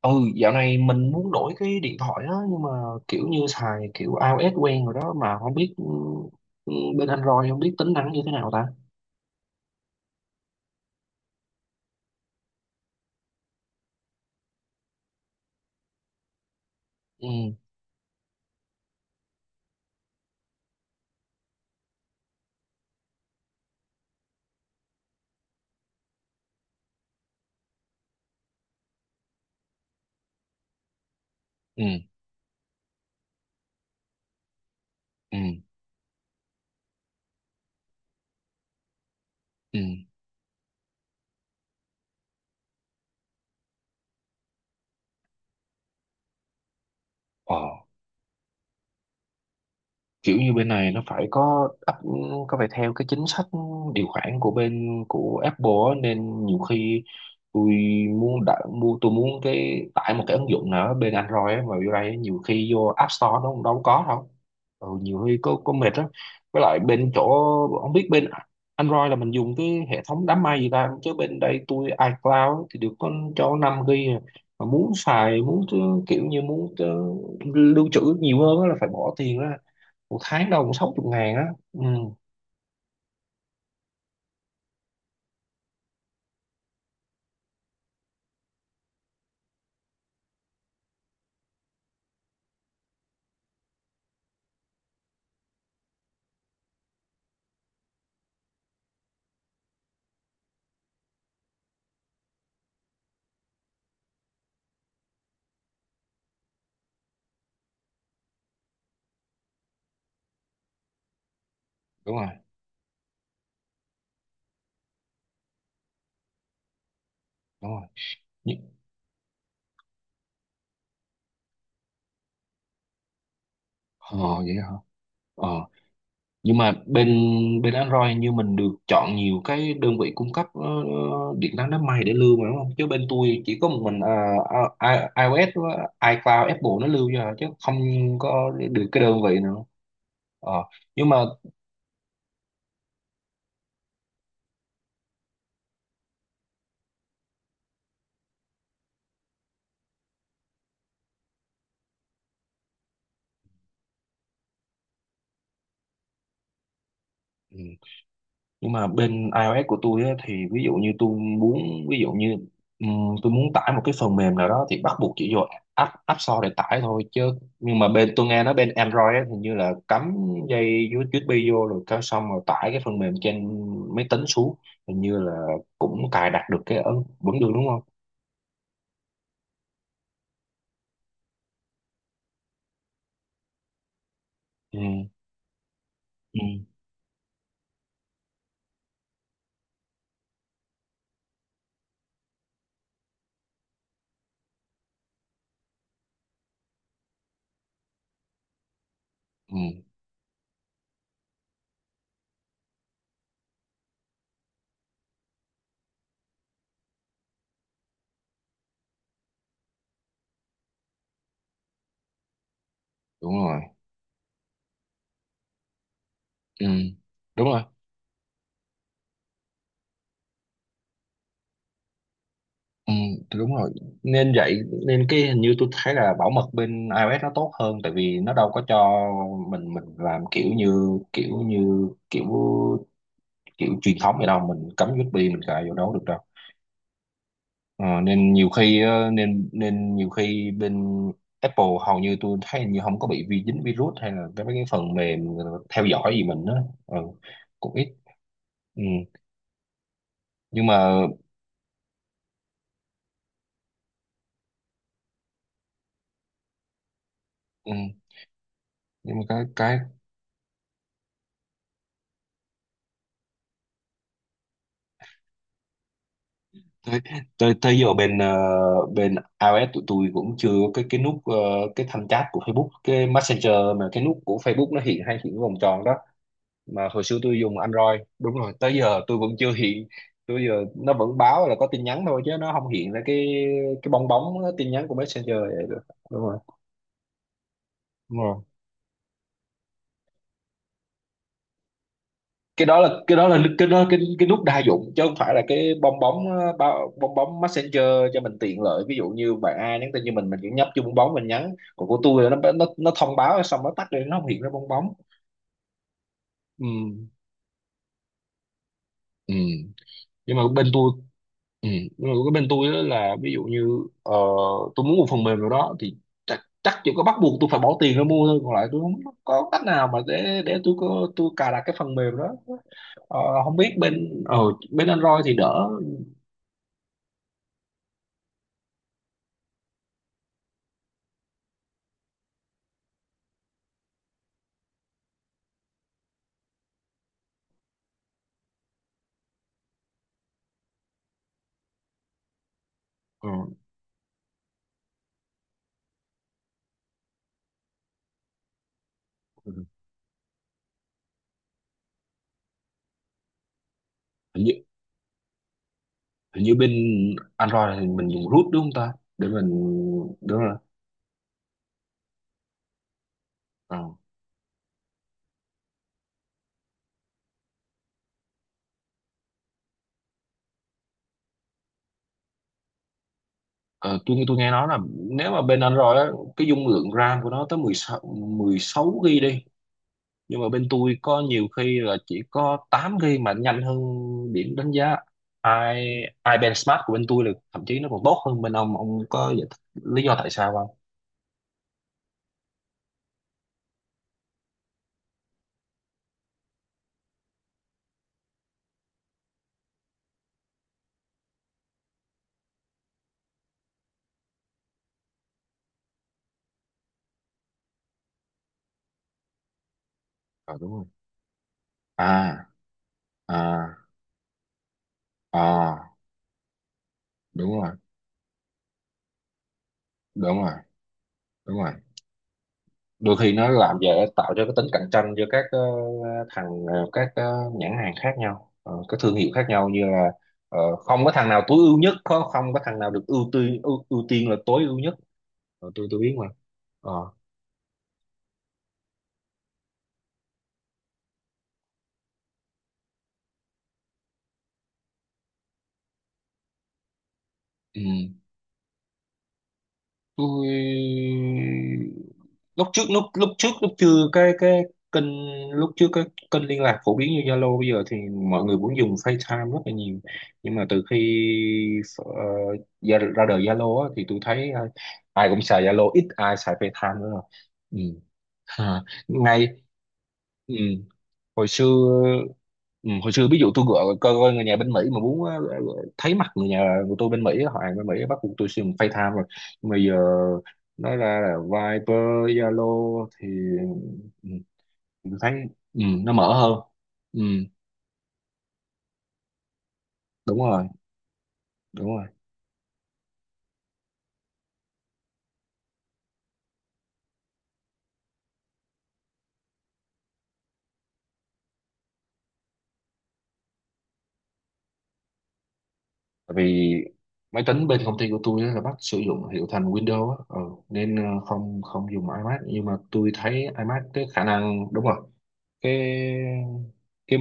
ừ Dạo này mình muốn đổi cái điện thoại đó, nhưng mà kiểu như xài kiểu iOS quen rồi đó, mà không biết. Ừ, ừ, Bên Android không biết tính năng như thế nào ta. ừ ừ ừ ừ ờ Kiểu như bên này nó phải có áp, có phải theo cái chính sách điều khoản của bên của Apple á, nên nhiều khi tôi mua, tôi muốn tải một cái ứng dụng nào đó bên Android á, mà vô đây nhiều khi vô App Store nó cũng đâu có đâu. Nhiều khi có mệt đó. Với lại bên chỗ, không biết bên Android là mình dùng cái hệ thống đám mây gì ta, chứ bên đây tôi iCloud á, thì được có cho 5 GB à. Mà muốn xài, muốn kiểu như muốn lưu trữ nhiều hơn á, là phải bỏ tiền ra một tháng đâu cũng sáu chục ngàn á. Ừ, đúng rồi, đúng rồi. Nhưng. Ờ vậy hả. Ờ. Nhưng mà bên bên Android như mình được chọn nhiều cái đơn vị cung cấp điện toán đám mây để lưu mà, đúng không? Chứ bên tôi chỉ có một mình iOS với iCloud Apple nó lưu cho à, chứ không có được cái đơn vị nào. Ờ. Nhưng mà. Nhưng mà bên iOS của tôi á, thì ví dụ như tôi muốn, ví dụ như ừm, tôi muốn tải một cái phần mềm nào đó thì bắt buộc chỉ vô app app store để tải thôi, chứ nhưng mà bên tôi nghe nói bên Android á, hình như là cắm dây USB vô rồi cái xong rồi tải cái phần mềm trên máy tính xuống, hình như là cũng cài đặt được cái ứng, vẫn được đúng không? ừ ừ ừ Đúng rồi. ừ Đúng rồi. Ừ, thì đúng rồi, nên vậy, nên cái hình như tôi thấy là bảo mật bên iOS nó tốt hơn, tại vì nó đâu có cho mình làm kiểu như, kiểu như, kiểu, kiểu truyền thống vậy đâu, mình cắm USB mình cài vô đó được đâu. Ờ, nên nhiều khi ờ, nên nên nhiều khi bên Apple hầu như tôi thấy hình như không có bị vi, dính virus hay là cái mấy cái phần mềm theo dõi gì mình đó. ừ, Cũng ít. Ừ. Nhưng mà. Ừ. Nhưng mà cái tới tới tới giờ bên bên iOS tụi tôi cũng chưa có cái nút cái thanh chat của Facebook, cái Messenger, mà cái nút của Facebook nó hiện, hay hiện cái vòng tròn đó, mà hồi xưa tôi dùng Android đúng rồi, tới giờ tôi vẫn chưa hiện. Tôi giờ nó vẫn báo là có tin nhắn thôi, chứ nó không hiện ra cái bong bóng tin nhắn của Messenger vậy được. Đúng rồi, đúng rồi, cái đó cái nút đa dụng chứ không phải là cái bong bóng, bao- bong bóng Messenger, cho mình tiện lợi. Ví dụ như bạn ai nhắn tin, như mình chỉ nhấp vô bong bóng mình nhắn, còn của tôi là nó thông báo xong nó tắt đi, nó không hiện ra bong bóng. Ừ, ừ. Nhưng mà bên tôi. Ừ. Nhưng mà cái bên tôi á là ví dụ như ờ, tôi muốn một phần mềm nào đó thì chắc chắc chỉ có bắt buộc tôi phải bỏ tiền ra mua thôi, còn lại tôi không có cách nào mà để tôi có, tôi cài đặt cái phần mềm đó. Ờ, không biết bên bên Android thì đỡ. Ừ. Ừ. Hình như, hình như bên Android thì mình dùng root đúng không ta, để mình. Đúng rồi. Ờ. Ờ, tôi nghe nói là nếu mà bên Android á, cái dung lượng RAM của nó tới 16 GB đi, nhưng mà bên tôi có nhiều khi là chỉ có 8 GB mà nhanh hơn, điểm đánh giá i iBand Smart của bên tôi là thậm chí nó còn tốt hơn bên ông. Ông có giải thích lý do tại sao không? Ờ, đúng rồi. À, à, à, đúng rồi, đúng rồi, đúng rồi, đúng rồi. Đôi khi nó làm giờ tạo cho cái tính cạnh tranh giữa các thằng, các nhãn hàng khác nhau, các thương hiệu khác nhau, như là không có thằng nào tối ưu nhất, không không có thằng nào được ưu tiên, ưu tiên là tối ưu nhất. Ờ, tôi biết mà. Ờ, ừ. tôi lúc trước lúc chưa cái cái kênh lúc trước cái kênh liên lạc phổ biến như Zalo bây giờ, thì mọi người cũng dùng FaceTime rất là nhiều. Nhưng mà từ khi ờ, ra đời Zalo á, thì tôi thấy ai cũng xài Zalo, ít ai xài FaceTime nữa rồi. Ừ. Ha. Ngay. Ừ, hồi xưa. Ừ, hồi xưa ví dụ tôi gọi coi người nhà bên Mỹ, mà muốn thấy mặt người nhà của tôi bên Mỹ á, họ hàng bên Mỹ á, bắt buộc tôi sử dụng FaceTime rồi. Nhưng mà giờ nói ra là Viber, Zalo thì ừ, tôi thấy ừ, nó mở hơn. Ừ, đúng rồi, đúng rồi. Tại vì máy tính bên công ty của tôi á là bắt sử dụng hiệu thành Windows á, ừ, nên không không dùng iMac, nhưng mà tôi thấy iMac cái khả năng đúng rồi cái cái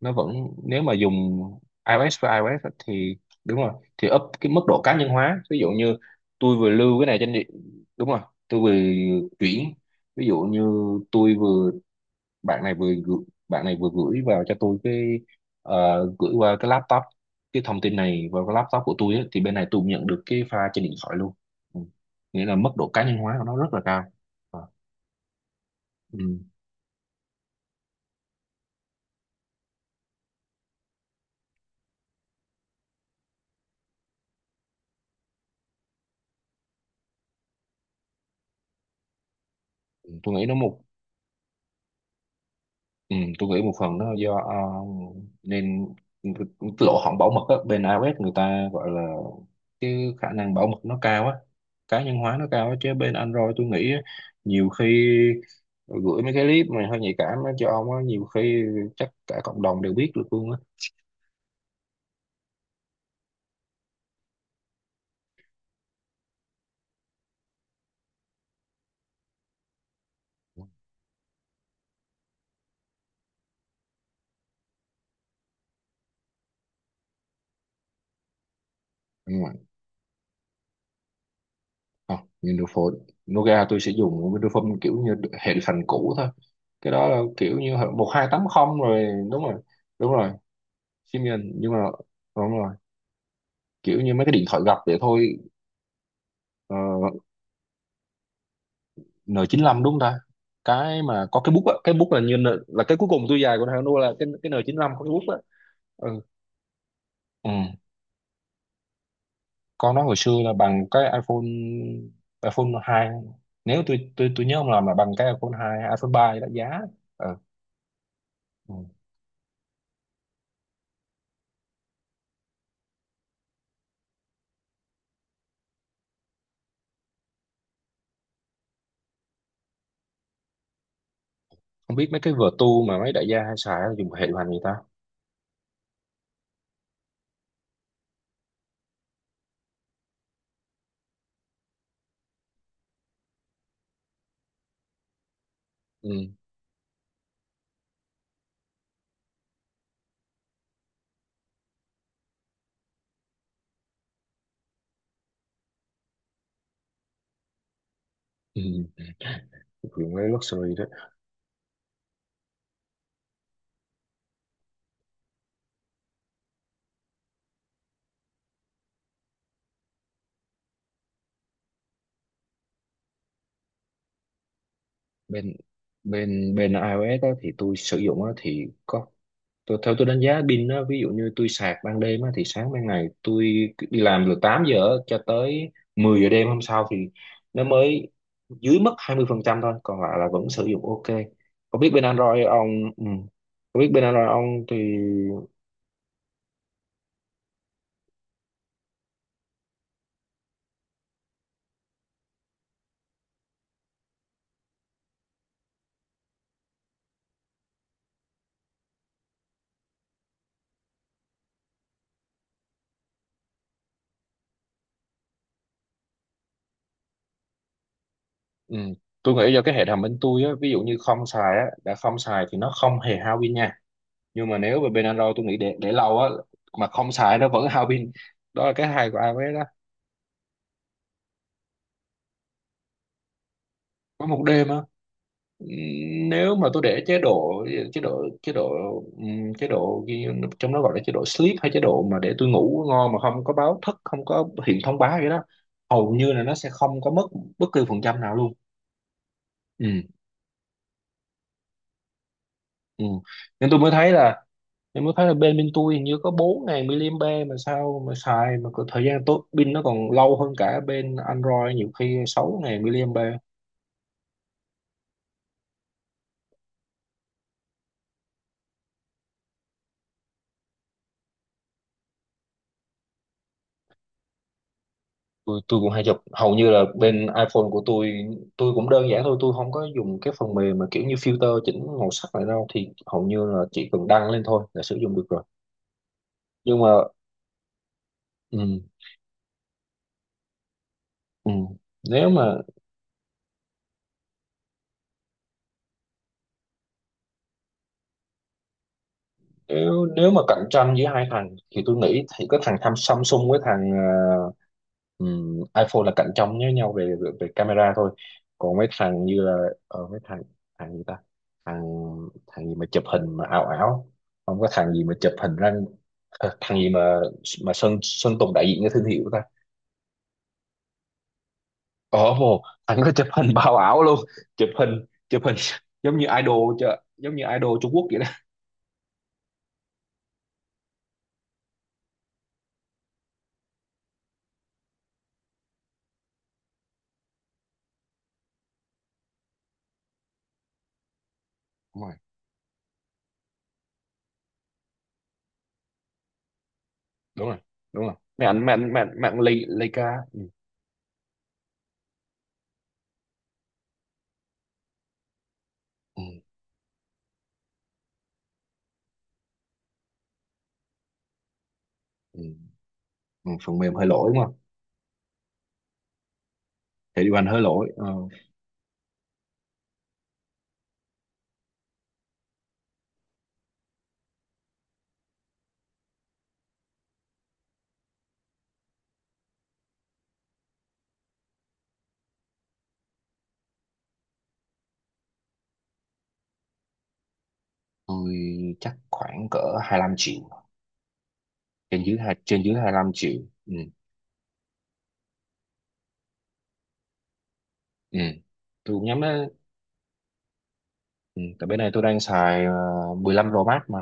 nó vẫn, nếu mà dùng iOS với iOS á, thì đúng rồi thì up cái mức độ cá nhân hóa, ví dụ như tôi vừa lưu cái này trên điện, đúng rồi tôi vừa chuyển, ví dụ như tôi vừa, bạn này vừa gửi, bạn này vừa gửi vào cho tôi cái gửi qua cái laptop, cái thông tin này vào cái laptop của tôi á, thì bên này tôi cũng nhận được cái file trên điện thoại luôn. Ừ. Nghĩa là mức độ cá nhân hóa của nó rất là cao. Ờ. Ừ. tôi nghĩ nó một Ừ, tôi nghĩ một phần nó do ờ, nên lỗ hổng bảo mật á, bên iOS người ta gọi là cái khả năng bảo mật nó cao á, cá nhân hóa nó cao á, chứ bên Android tôi nghĩ á, nhiều khi gửi mấy cái clip mà hơi nhạy cảm á cho ông á, nhiều khi chắc cả cộng đồng đều biết được luôn á. Nhưng mà không, Windows Phone Nokia tôi sẽ dùng Windows Phone kiểu như hệ phần cũ thôi, cái đó là kiểu như 1280 rồi đúng rồi. Đúng rồi, Symbian. Nhưng mà đúng rồi, kiểu như mấy cái điện thoại gập vậy thôi. ờ, N95 đúng không ta, cái mà có cái bút á, cái bút là như N, là cái cuối cùng tôi dài của thằng Nua, là cái N95 có cái bút á. Ừ. Ừ. Con nó hồi xưa là bằng cái iPhone iPhone 2. Nếu tôi nhớ không lầm là bằng cái iPhone 2, iPhone 3 đã giá. Ừ. Ừ. Không biết mấy cái Vertu mà mấy đại gia hay xài á, dùng hệ điều hành người ta. Ừ. Ừ. Dùng cái luxury. Bên bên Bên iOS á, thì tôi sử dụng á, thì có theo tôi đánh giá pin á, ví dụ như tôi sạc ban đêm á, thì sáng ban ngày tôi đi làm từ 8 giờ á, cho tới 10 giờ đêm hôm sau thì nó mới dưới mất 20% thôi, còn lại là vẫn sử dụng ok. Có biết bên Android ông, ừ, có biết bên Android ông thì. Ừ, tôi nghĩ do cái hệ thống bên tôi á, ví dụ như không xài á, đã không xài thì nó không hề hao pin nha, nhưng mà nếu về bên Android tôi nghĩ để lâu á mà không xài nó vẫn hao pin. Đó là cái hay của iOS đó. Có một đêm á, nếu mà tôi để chế độ, chế độ chế độ ghi-, trong đó gọi là chế độ sleep, hay chế độ mà để tôi ngủ ngon mà không có báo thức, không có hiện thông báo gì đó, hầu như là nó sẽ không có mất bất cứ phần trăm nào luôn. Ừ, ừ. Nên tôi mới thấy là, em mới thấy là bên bên tôi hình như có bốn 000 mAh, mà sao mà xài mà có thời gian tốt pin nó còn lâu hơn cả bên Android nhiều khi sáu 000 mAh. Tôi cũng hay chụp, hầu như là bên iPhone của tôi cũng đơn giản thôi, tôi không có dùng cái phần mềm mà kiểu như filter chỉnh màu sắc này đâu, thì hầu như là chỉ cần đăng lên thôi là sử dụng được rồi. Nhưng mà ừ, ừ. Nếu mà, nếu mà cạnh tranh giữa hai thằng thì tôi nghĩ thì có thằng tham Samsung với thằng iPhone là cạnh tranh với nhau về, về về camera thôi. Còn mấy thằng như là mấy thằng, thằng gì ta, thằng thằng gì mà chụp hình mà ảo ảo, không, có thằng gì mà chụp hình răng, thằng gì mà Sơn Sơn Tùng đại diện cho thương hiệu ta, ờ vô thằng có chụp hình bao ảo luôn. Chụp hình giống như idol chứ, giống như idol Trung Quốc vậy đó. Đúng rồi, đúng rồi, mạng mạng mạng mạng mấy ảnh, ca. Ừ. Ừ. Ừ. Ừ. Phần mềm hơi lỗi đúng không, thì điều anh hơi lỗi. Ờ, tôi chắc khoảng cỡ 25 triệu, trên dưới trên dưới 25 triệu. Ừ. Ừ. Tôi cũng nhắm đó. Ừ. Tại bên này tôi đang xài 15 Pro Max mà,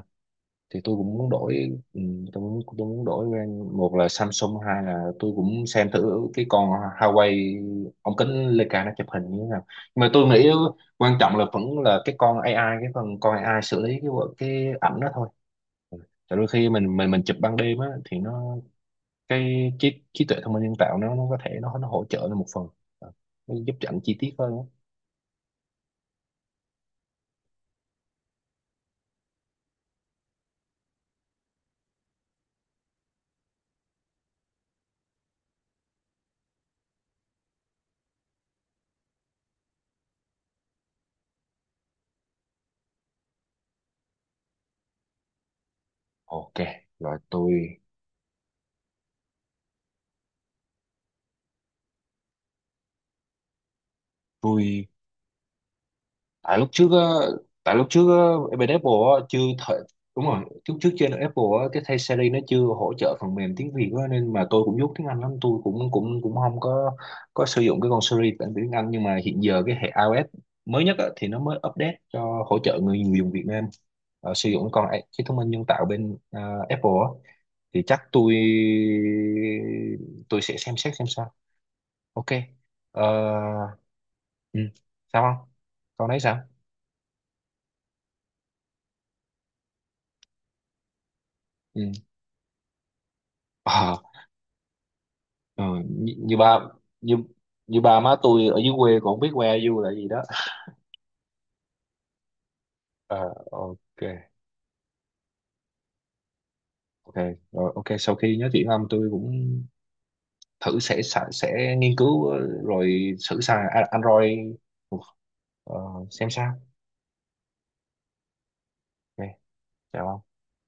thì tôi cũng muốn đổi. Ừ, tôi muốn, tôi muốn đổi brand, một là Samsung, hai là tôi cũng xem thử cái con Huawei ống kính Leica nó chụp hình như thế nào. Nhưng mà tôi nghĩ quan trọng là vẫn là cái con AI, cái phần con AI xử lý cái ảnh đó thôi. Tại đôi khi mình chụp ban đêm á thì nó, cái trí trí tuệ thông minh nhân tạo nó có thể nó hỗ trợ lên một phần. Ờ, nó giúp cho ảnh chi tiết hơn á. Ok, rồi. Tôi Tại lúc trước á, tại lúc trước á, bên Apple á, chưa thể, đúng rồi lúc trước trên Apple á, cái thay Siri nó chưa hỗ trợ phần mềm tiếng Việt á, nên mà tôi cũng dốt tiếng Anh lắm, tôi cũng cũng cũng không có có sử dụng cái con Siri bản tiếng Anh. Nhưng mà hiện giờ cái hệ iOS mới nhất á, thì nó mới update cho hỗ trợ người người dùng Việt Nam sử dụng con cái thông minh nhân tạo bên Apple á, thì chắc tôi sẽ xem xét xem sao. Ok. Ờ, ừ. Sao không, con đấy sao. Ừ. Ờ. Ờ, như, ba, như như ba má tôi ở dưới quê còn không biết que du là gì đó. Ờ, ok, ok, rồi, ok, sau khi nói chuyện với ông tôi cũng thử, sẽ nghiên cứu, rồi thử xài Android ờ, xem sao. Ok. Chào ông.